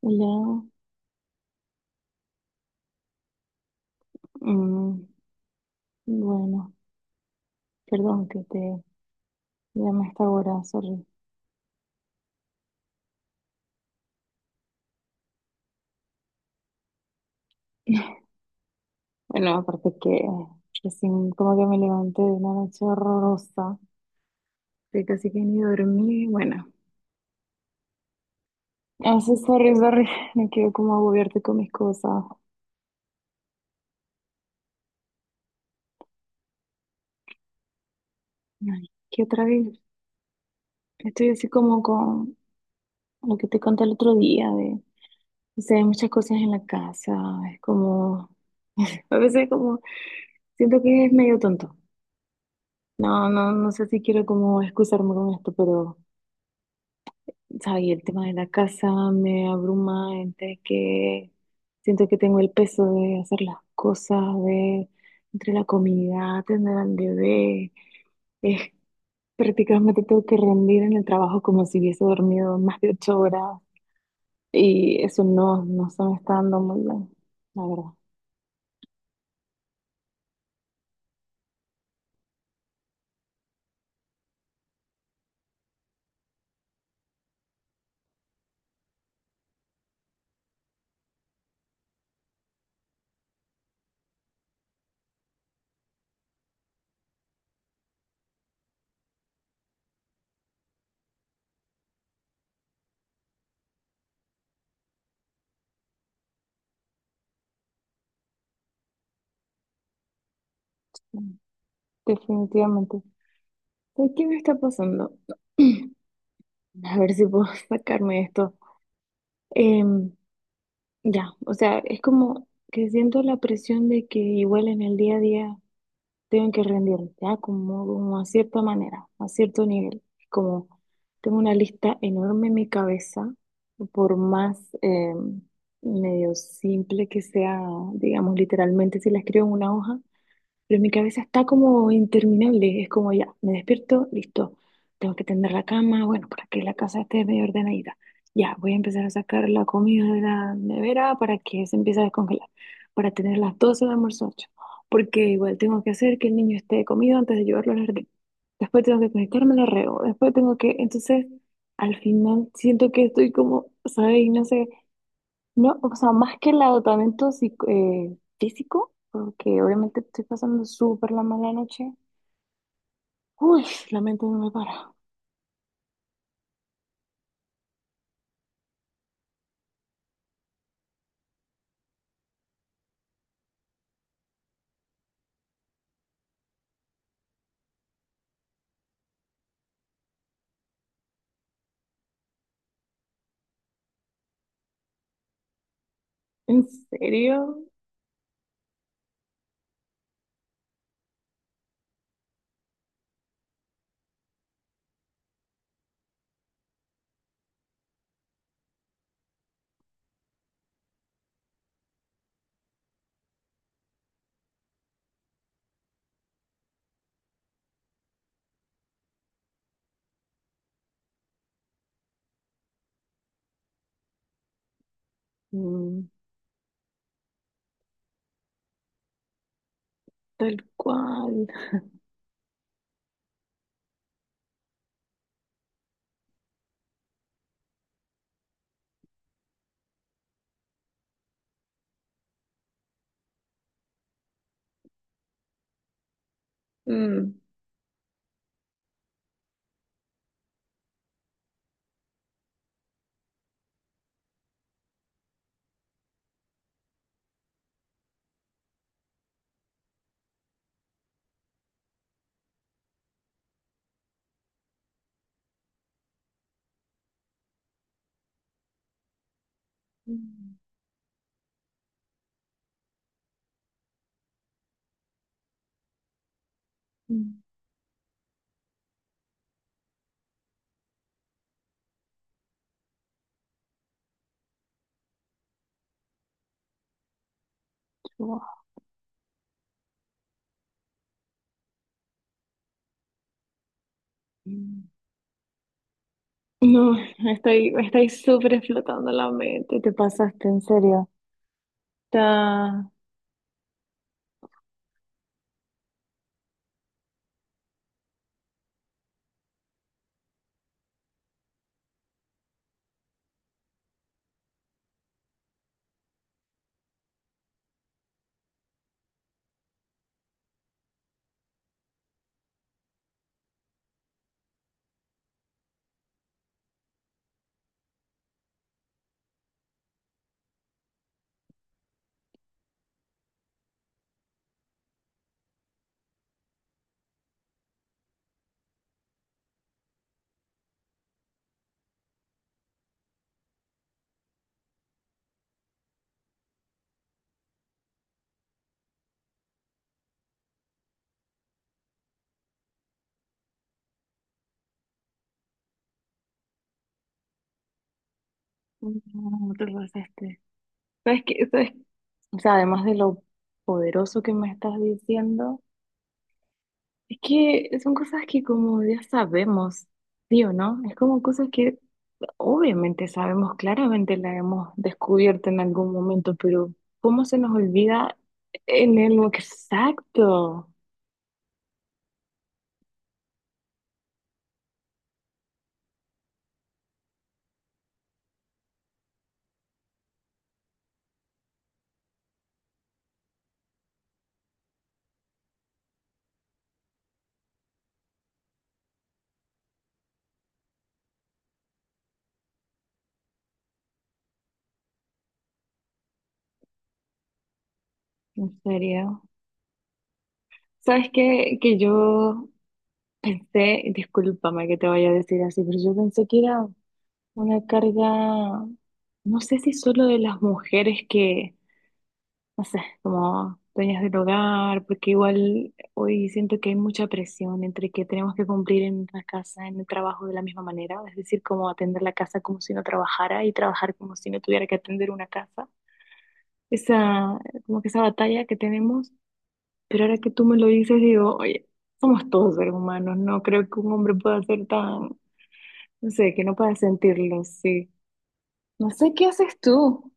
Hola, mm, bueno, perdón que te llame a esta hora, sorry. Bueno, aparte que recién como que me levanté de una noche horrorosa, que casi que ni dormí, bueno. Ah, sí, sorry, sorry, me quiero como agobiarte con mis cosas. Ay, que otra vez estoy así como con lo que te conté el otro día de, o sea, hay muchas cosas en la casa, es como, a veces como siento que es medio tonto. No, no, no sé si quiero como excusarme con esto, pero, ¿sabes? El tema de la casa me abruma, entre que siento que tengo el peso de hacer las cosas, de entre la comida, tener al bebé, es prácticamente tengo que rendir en el trabajo como si hubiese dormido más de 8 horas y eso no se me está dando muy bien, la verdad. Mm, definitivamente. ¿Sabes? ¿Qué me está pasando? A ver si puedo sacarme esto. Em, Ya, o sea, es como que siento la presión de que igual en el día a día tengo que rendir, ya, como, como a cierta manera, a cierto nivel. Como tengo una lista enorme en mi cabeza, por más eh, medio simple que sea, digamos, literalmente si la escribo en una hoja, pero mi cabeza está como interminable, es como ya, me despierto, listo, tengo que tender la cama, bueno, para que la casa esté medio ordenadita. Ya, voy a empezar a sacar la comida de la nevera para que se empiece a descongelar, para tener las 12 de almuerzo hecho, porque igual tengo que hacer que el niño esté comido antes de llevarlo al jardín. Después tengo que conectarme al arreo, después tengo que, entonces, al final siento que estoy como, ¿sabes? Y no sé. No, o sea, más que el agotamiento físico, porque obviamente estoy pasando súper la mala noche. Uy, la mente no me para. ¿En serio? Mm, tal cual. Mm, mm, mm, wow. Mm. No, estoy súper explotando la mente. Te pasaste, en serio. Está... No, te pasaste. ¿Sabes qué? ¿Sabes? O sea, además de lo poderoso que me estás diciendo. Es que son cosas que como ya sabemos, ¿sí o no? Es como cosas que obviamente sabemos, claramente la hemos descubierto en algún momento, pero ¿cómo se nos olvida en el lo exacto? En serio. ¿Sabes qué? Que yo pensé, discúlpame que te vaya a decir así, pero yo pensé que era una carga, no sé si solo de las mujeres que no sé, como dueñas del hogar, porque igual hoy siento que hay mucha presión entre que tenemos que cumplir en la casa, en el trabajo de la misma manera, es decir, como atender la casa como si no trabajara y trabajar como si no tuviera que atender una casa. Esa, como que esa batalla que tenemos, pero ahora que tú me lo dices, digo, oye, somos todos seres humanos, no creo que un hombre pueda ser tan, no sé, que no pueda sentirlo, sí. No sé qué haces tú.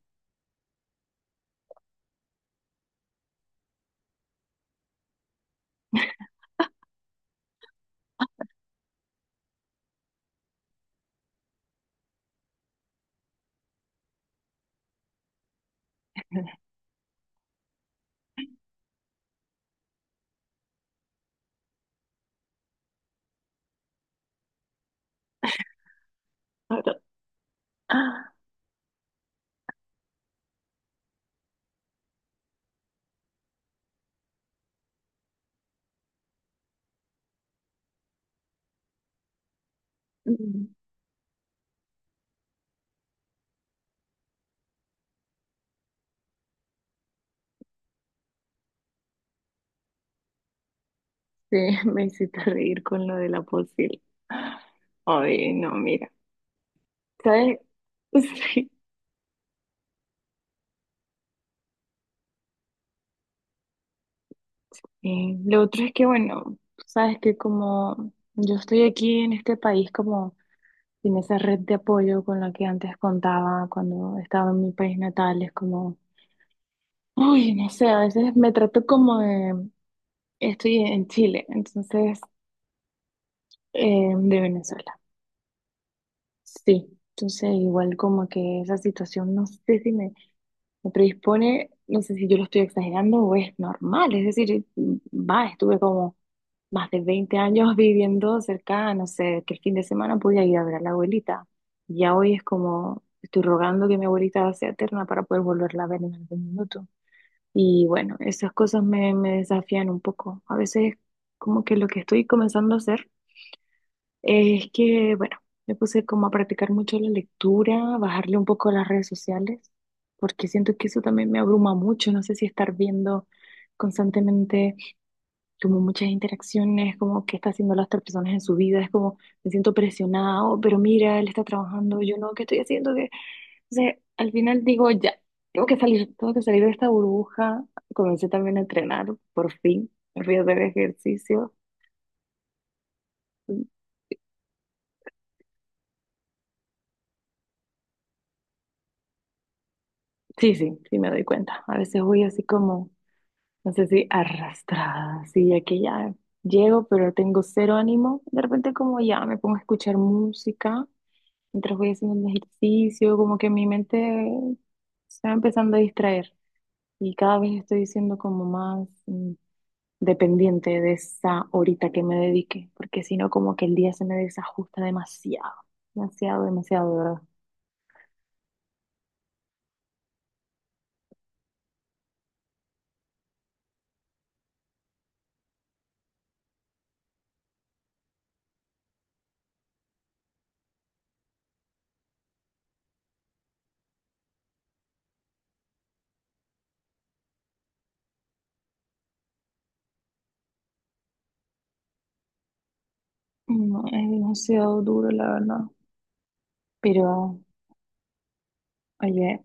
Ah, ah, mm. Sí, me hiciste reír con lo de la posible. Ay, no, mira, ¿sabes? Sí. Lo otro es que, bueno, tú sabes que como yo estoy aquí en este país como sin esa red de apoyo con la que antes contaba cuando estaba en mi país natal, es como, uy, no sé, a veces me trato como de, estoy en Chile, entonces, de Venezuela. Sí, entonces igual como que esa situación, no sé si me... me predispone, no sé si yo lo estoy exagerando o es normal, es decir, va, estuve como más de 20 años viviendo cerca, no sé, que el fin de semana podía ir a ver a la abuelita. Ya hoy es como, estoy rogando que mi abuelita sea eterna para poder volverla a ver en algún minuto. Y bueno, esas cosas me desafían un poco. A veces como que lo que estoy comenzando a hacer es que, bueno, me puse como a practicar mucho la lectura, bajarle un poco las redes sociales, porque siento que eso también me abruma mucho. No sé si estar viendo constantemente como muchas interacciones, como qué está haciendo las otras personas en su vida, es como me siento presionada, "Oh, pero mira, él está trabajando, yo no, ¿qué estoy haciendo? Que O sea, al final digo, ya, tengo que salir de esta burbuja. Comencé también a entrenar, por fin, me fui a hacer ejercicio. Sí, sí, sí me doy cuenta. A veces voy así como, no sé si arrastrada, así ya que ya llego, pero tengo cero ánimo. De repente como ya me pongo a escuchar música mientras voy haciendo un ejercicio, como que mi mente se va empezando a distraer y cada vez estoy siendo como más dependiente de esa horita que me dedique, porque si no como que el día se me desajusta demasiado, demasiado, demasiado, de verdad. No, es demasiado duro, la verdad. Pero... Oye,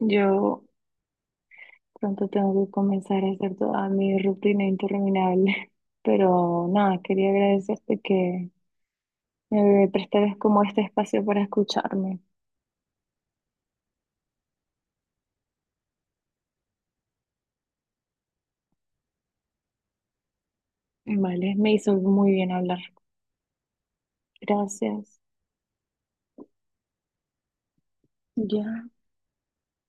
yo pronto tengo que comenzar a hacer toda mi rutina interminable, pero nada, quería agradecerte que me prestaras como este espacio para escucharme. Vale, me hizo muy bien hablar. Gracias. Ya.